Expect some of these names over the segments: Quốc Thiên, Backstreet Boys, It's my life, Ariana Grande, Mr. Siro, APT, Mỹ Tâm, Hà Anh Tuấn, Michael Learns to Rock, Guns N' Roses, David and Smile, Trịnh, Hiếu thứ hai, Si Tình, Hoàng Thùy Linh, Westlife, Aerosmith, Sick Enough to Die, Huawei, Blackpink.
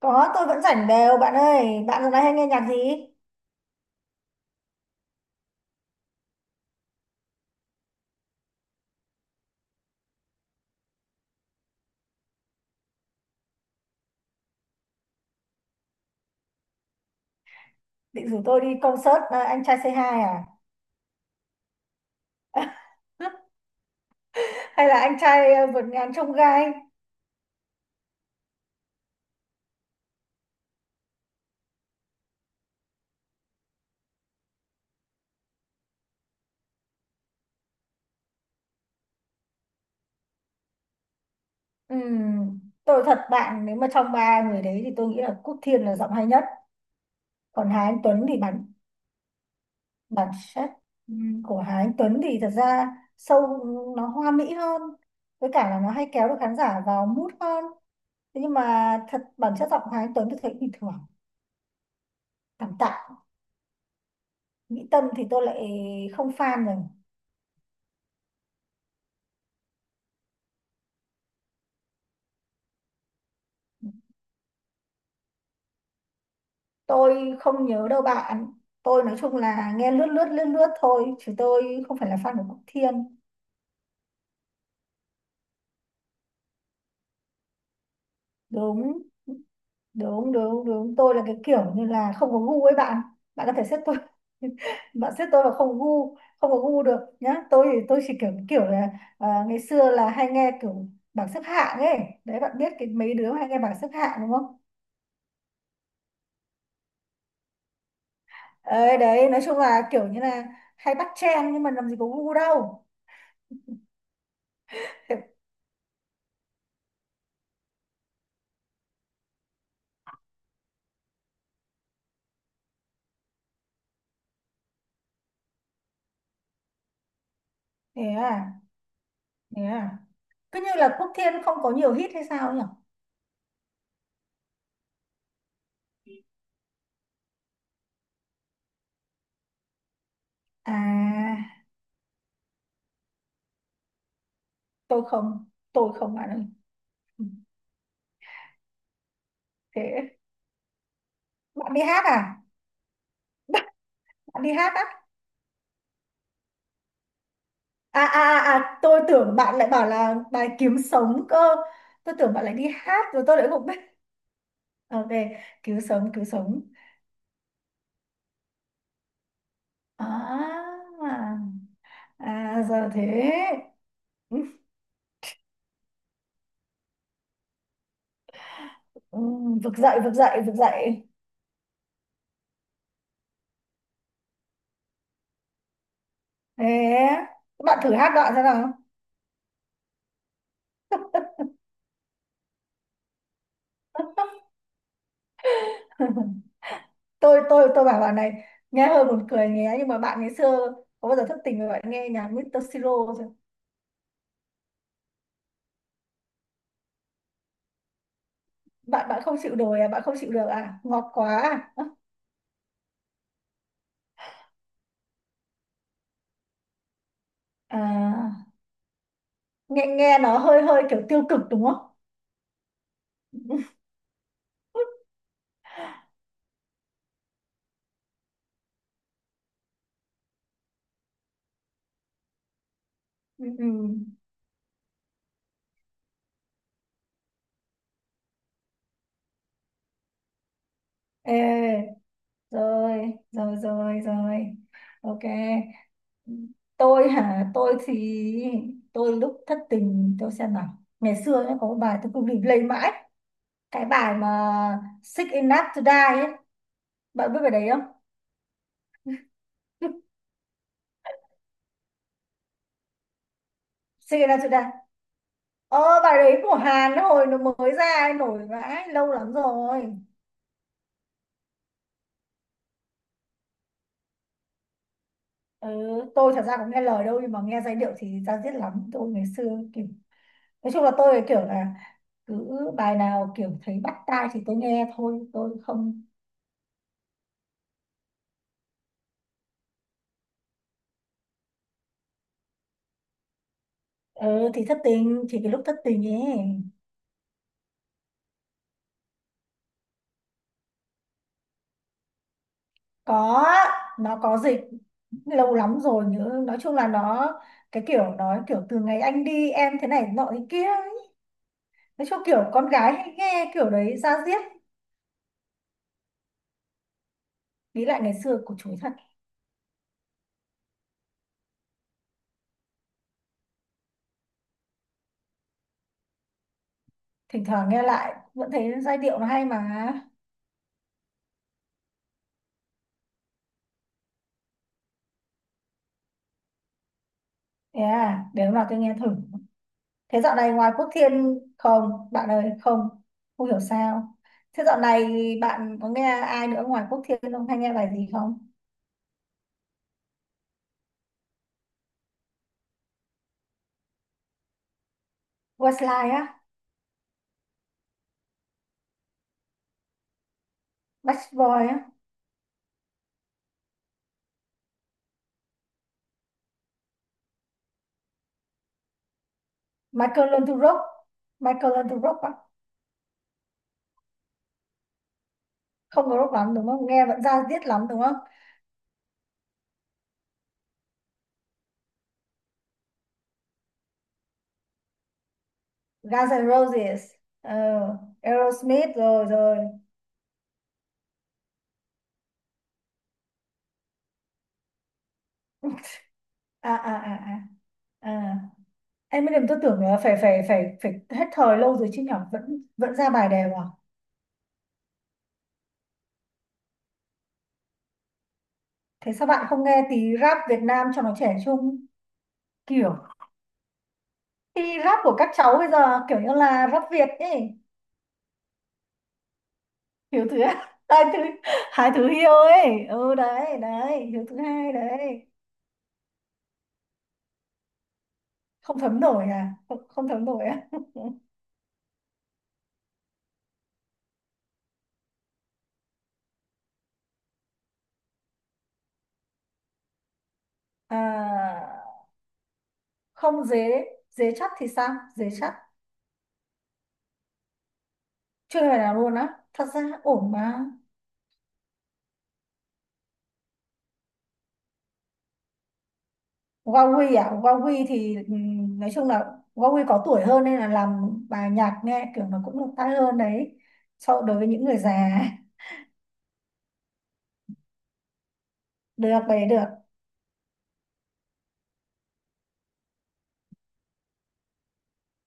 Có, tôi vẫn rảnh đều bạn ơi. Bạn hôm nay hay nghe nhạc gì? Định rủ tôi đi concert à, anh trai C2 à? Hay là anh trai à, vượt ngàn chông gai? Ừm, tôi thật bạn, nếu mà trong ba người đấy thì tôi nghĩ là Quốc Thiên là giọng hay nhất. Còn Hà Anh Tuấn thì bản bản chất của Hà Anh Tuấn thì thật ra sâu, nó hoa mỹ hơn. Với cả là nó hay kéo được khán giả vào mood hơn. Thế nhưng mà thật bản chất giọng Hà Anh Tuấn tôi thấy bình thường, tạm tạm. Mỹ Tâm thì tôi lại không fan rồi. Tôi không nhớ đâu bạn. Tôi nói chung là nghe lướt lướt lướt lướt thôi, chứ tôi không phải là fan của Quốc Thiên. Đúng, đúng, đúng, đúng, tôi là cái kiểu như là không có gu ấy bạn bạn có thể xếp tôi bạn xếp tôi vào không gu, không có gu được nhá. Tôi thì tôi chỉ kiểu kiểu là à, ngày xưa là hay nghe kiểu bảng xếp hạng ấy. Đấy, bạn biết cái mấy đứa hay nghe bảng xếp hạng đúng không? Ấy đấy, nói chung là kiểu như là hay bắt trend nhưng mà làm gì có gu đâu. Thế à? Thế à? Cứ như là Quốc Thiên không có nhiều hit hay sao nhỉ? À, tôi không. Tôi không bạn ơi. Ừ, thế bạn đi hát à? Bạn đi hát á? à, à, à, à, tôi tưởng bạn lại bảo là bài kiếm sống cơ. Tôi tưởng bạn lại đi hát rồi tôi lại không biết. Ok, cứu sống, cứu sống. À, à giờ thế. Ừ, ừ, vực dậy, vực dậy, vực dậy. Thế bạn thử hát đoạn xem nào. Tôi bảo bạn này, nghe hơi buồn cười nhé, nhưng mà bạn ngày xưa có bao giờ thức tỉnh mà bạn nghe nhạc Mr. Siro chưa? Bạn bạn không chịu nổi à? Bạn không chịu được à? Ngọt quá à? À, nghe nghe nó hơi hơi kiểu tiêu cực đúng không? Ừ. Ừ. Ê, rồi rồi rồi rồi. Ok. Tôi hả? Tôi thì tôi lúc thất tình tôi xem nào, ngày xưa nhá, có một bài tôi cứ bìm lây mãi, cái bài mà Sick Enough to Die ấy, bạn biết bài đấy không? Suy ra, suy ra. Ờ, bài đấy của Hàn ấy, hồi nó mới ra ấy, nổi vãi, lâu lắm rồi. Ừ, tôi thật ra cũng nghe lời đâu, nhưng mà nghe giai điệu thì ra diết lắm. Tôi ngày xưa kiểu, nói chung là tôi kiểu là cứ bài nào kiểu thấy bắt tai thì tôi nghe thôi, tôi không. Ừ thì thất tình, chỉ cái lúc thất tình ấy. Có, nó có dịch, lâu lắm rồi nhớ, nói chung là nó cái kiểu nói kiểu từ ngày anh đi em thế này nọ thế kia ấy. Nói chung kiểu con gái hay nghe kiểu đấy, ra diết. Nghĩ lại ngày xưa của chuối thật. Thỉnh thoảng nghe lại vẫn thấy giai điệu nó hay mà. Thế à, để hôm nào tôi nghe thử. Thế dạo này ngoài Quốc Thiên không bạn ơi? Không, không hiểu sao. Thế dạo này bạn có nghe ai nữa ngoài Quốc Thiên không, hay nghe bài gì không? Westlife á? Backstreet Boys á? Michael Learns to Rock. Michael Learns to Rock á? Không có rock lắm đúng không, nghe vẫn ra diết lắm đúng không? Guns N' Roses. Ờ, Aerosmith, rồi rồi. À, à, à, à. À, Em mới làm tôi tưởng là phải phải phải phải hết thời lâu rồi chứ nhở, vẫn vẫn ra bài đều à? Thế sao bạn không nghe tí rap Việt Nam cho nó trẻ trung? Kiểu, thì rap của các cháu bây giờ kiểu như là rap Việt ấy. Hiếu thứ hai, thứ hai, thứ hiêu ấy. Ừ, đấy đấy, Hiếu thứ hai đấy. Không thấm nổi à? Không, không thấm nổi à? À không. Dế dế chắc thì sao? Dế chắc. Chưa bài nào luôn á? Thật ra ổn mà. Huawei à? Huawei thì nói chung là Huawei có tuổi hơn nên là làm bài nhạc nghe kiểu nó cũng được tai hơn đấy, so đối với những người già. Được đấy, được.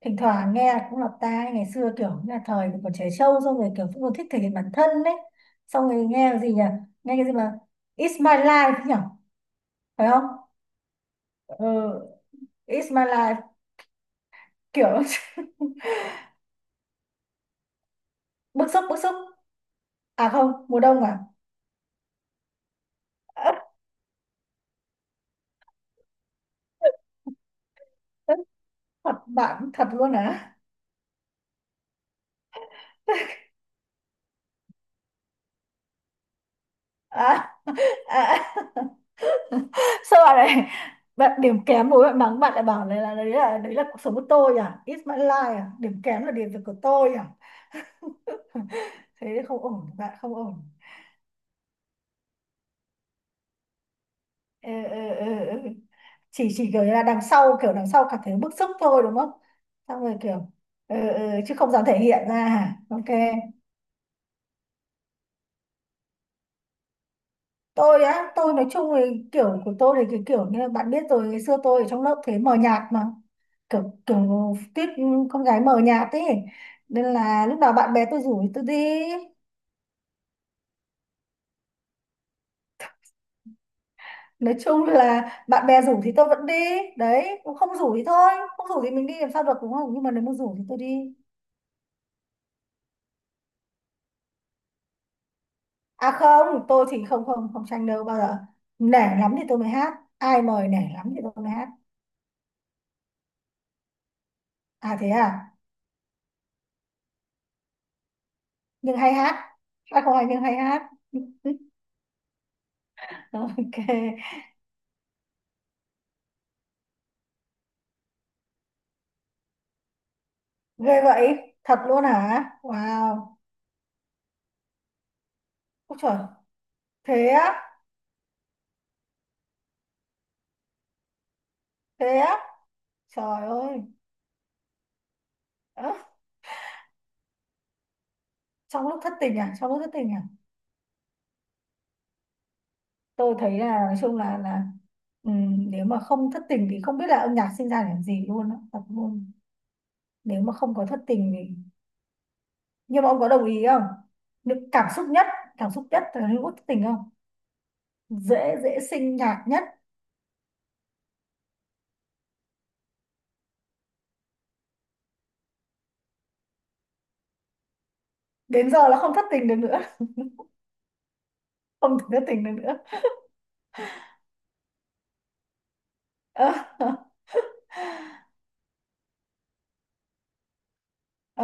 Thỉnh thoảng nghe cũng lọt tai, ngày xưa kiểu như là thời còn trẻ trâu xong rồi kiểu cũng còn thích thể hiện bản thân đấy. Xong rồi nghe cái gì nhỉ, nghe cái gì mà It's my life nhỉ? Phải không? Ừ, It's my life. Kiểu bức xúc, bức xúc. À không, mùa đông à? Thật bạn, thật luôn à? À. À. Sao bạn này, bạn điểm kém bố bạn mắng, bạn lại bảo này là đấy là cuộc sống của tôi à, it's my life à, điểm kém là điểm của tôi à? Thế thì không ổn bạn, không ổn. Ừ, ừ, ừ, ừ. Chỉ kiểu như là đằng sau, kiểu đằng sau cảm thấy bức xúc thôi đúng không? Xong rồi kiểu, ừ, ừ, chứ không dám thể hiện ra hả? Ok. Tôi á? Tôi nói chung thì kiểu của tôi thì cái kiểu như là bạn biết rồi, ngày xưa tôi ở trong lớp thế mờ nhạt mà, kiểu kiểu tiếp con gái mờ nhạt ấy, nên là lúc nào bạn bè tôi rủ thì tôi đi. Nói chung là bạn bè rủ thì tôi vẫn đi. Đấy cũng, không rủ thì thôi, không rủ thì mình đi làm sao được đúng không, nhưng mà nếu mà rủ thì tôi đi. À không, tôi thì không, không, không tranh đâu bao giờ. Nể lắm thì tôi mới hát, ai mời nể lắm thì tôi mới hát. À thế à. Nhưng hay hát, hát không hay nhưng hay hát. Ok. Ghê vậy, thật luôn hả, wow. Ôi trời. Thế á? Thế á? Trời ơi. Trong lúc thất tình à? Trong lúc thất tình à? Tôi thấy là nói chung là nếu mà không thất tình thì không biết là âm nhạc sinh ra để làm gì luôn á, thật luôn. Nếu mà không có thất tình thì, nhưng mà ông có đồng ý không, những cảm xúc nhất, cảm xúc nhất là lúc thất tình, không dễ, dễ sinh nhạc nhất. Đến giờ là không thất tình được nữa. Không thể thất tình được nữa. Ờ,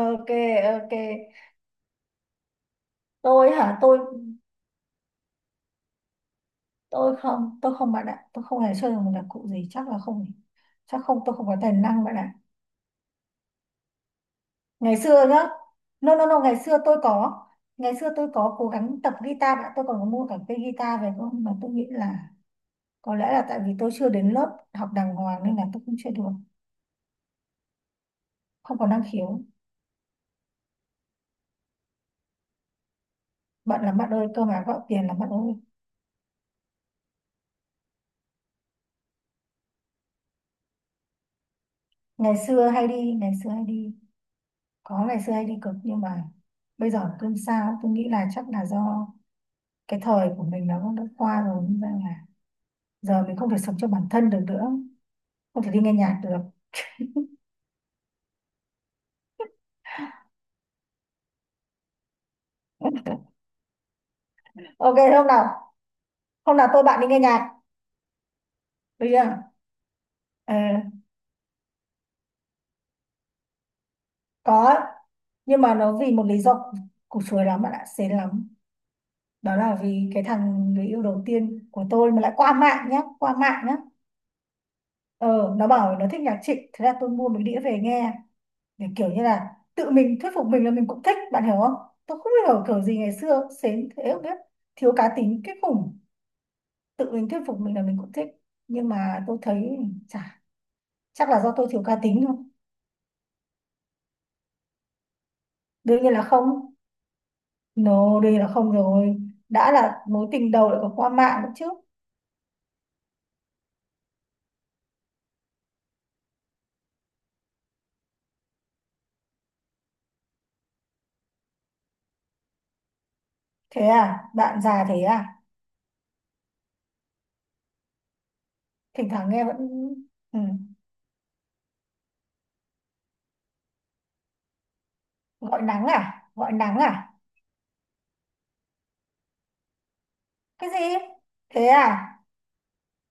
ok. Ok. Tôi hả? Tôi không. Tôi không bạn ạ, tôi không hề chơi được một nhạc cụ gì. Chắc là không, chắc không, tôi không có tài năng bạn ạ. Ngày xưa nhá, no no no, ngày xưa tôi có. Ngày xưa tôi có cố gắng tập guitar đã, tôi còn có mua cả cây guitar về không mà, tôi nghĩ là có lẽ là tại vì tôi chưa đến lớp học đàng hoàng nên là tôi cũng chưa được, không có năng khiếu. Bận lắm bạn ơi, cơ mà gạo tiền lắm bạn ơi. Ngày xưa hay đi, ngày xưa hay đi. Có, ngày xưa hay đi cực, nhưng mà bây giờ cơm sao, tôi nghĩ là chắc là do cái thời của mình nó cũng đã qua rồi nên ra là giờ mình không thể sống cho bản thân được nữa, không thể đi nghe nhạc được. Ok, hôm nào, hôm nào tôi bạn đi nghe nhạc. Bây giờ à, có, nhưng mà nó vì một lý do củ chuối lắm bạn ạ, xến lắm. Đó là vì cái thằng người yêu đầu tiên của tôi mà lại qua mạng nhá, qua mạng nhá. Ờ, nó bảo nó thích nhạc Trịnh, thế là tôi mua mấy đĩa về nghe, để kiểu như là tự mình thuyết phục mình là mình cũng thích, bạn hiểu không? Tôi không hiểu kiểu gì ngày xưa xến thế không biết, thiếu cá tính kinh khủng, tự mình thuyết phục mình là mình cũng thích. Nhưng mà tôi thấy chả, chắc là do tôi thiếu cá tính thôi. Đương nhiên là không. No, đây là không rồi. Đã là mối tình đầu lại còn qua mạng nữa chứ. Thế à? Bạn già thế à? Thỉnh thoảng nghe vẫn... Ừ. Gọi nắng à? Gọi nắng à? Cái gì? Thế à?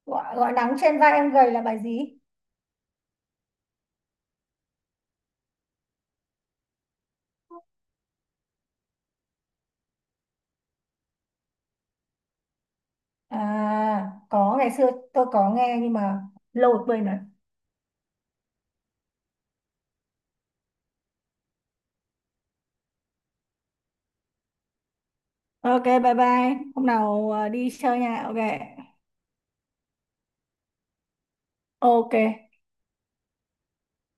Gọi, gọi nắng trên vai em gầy là bài gì? À, có, ngày xưa tôi có nghe nhưng mà lâu rồi quên rồi. Ok, bye bye. Hôm nào đi chơi nha. Ok. Ok.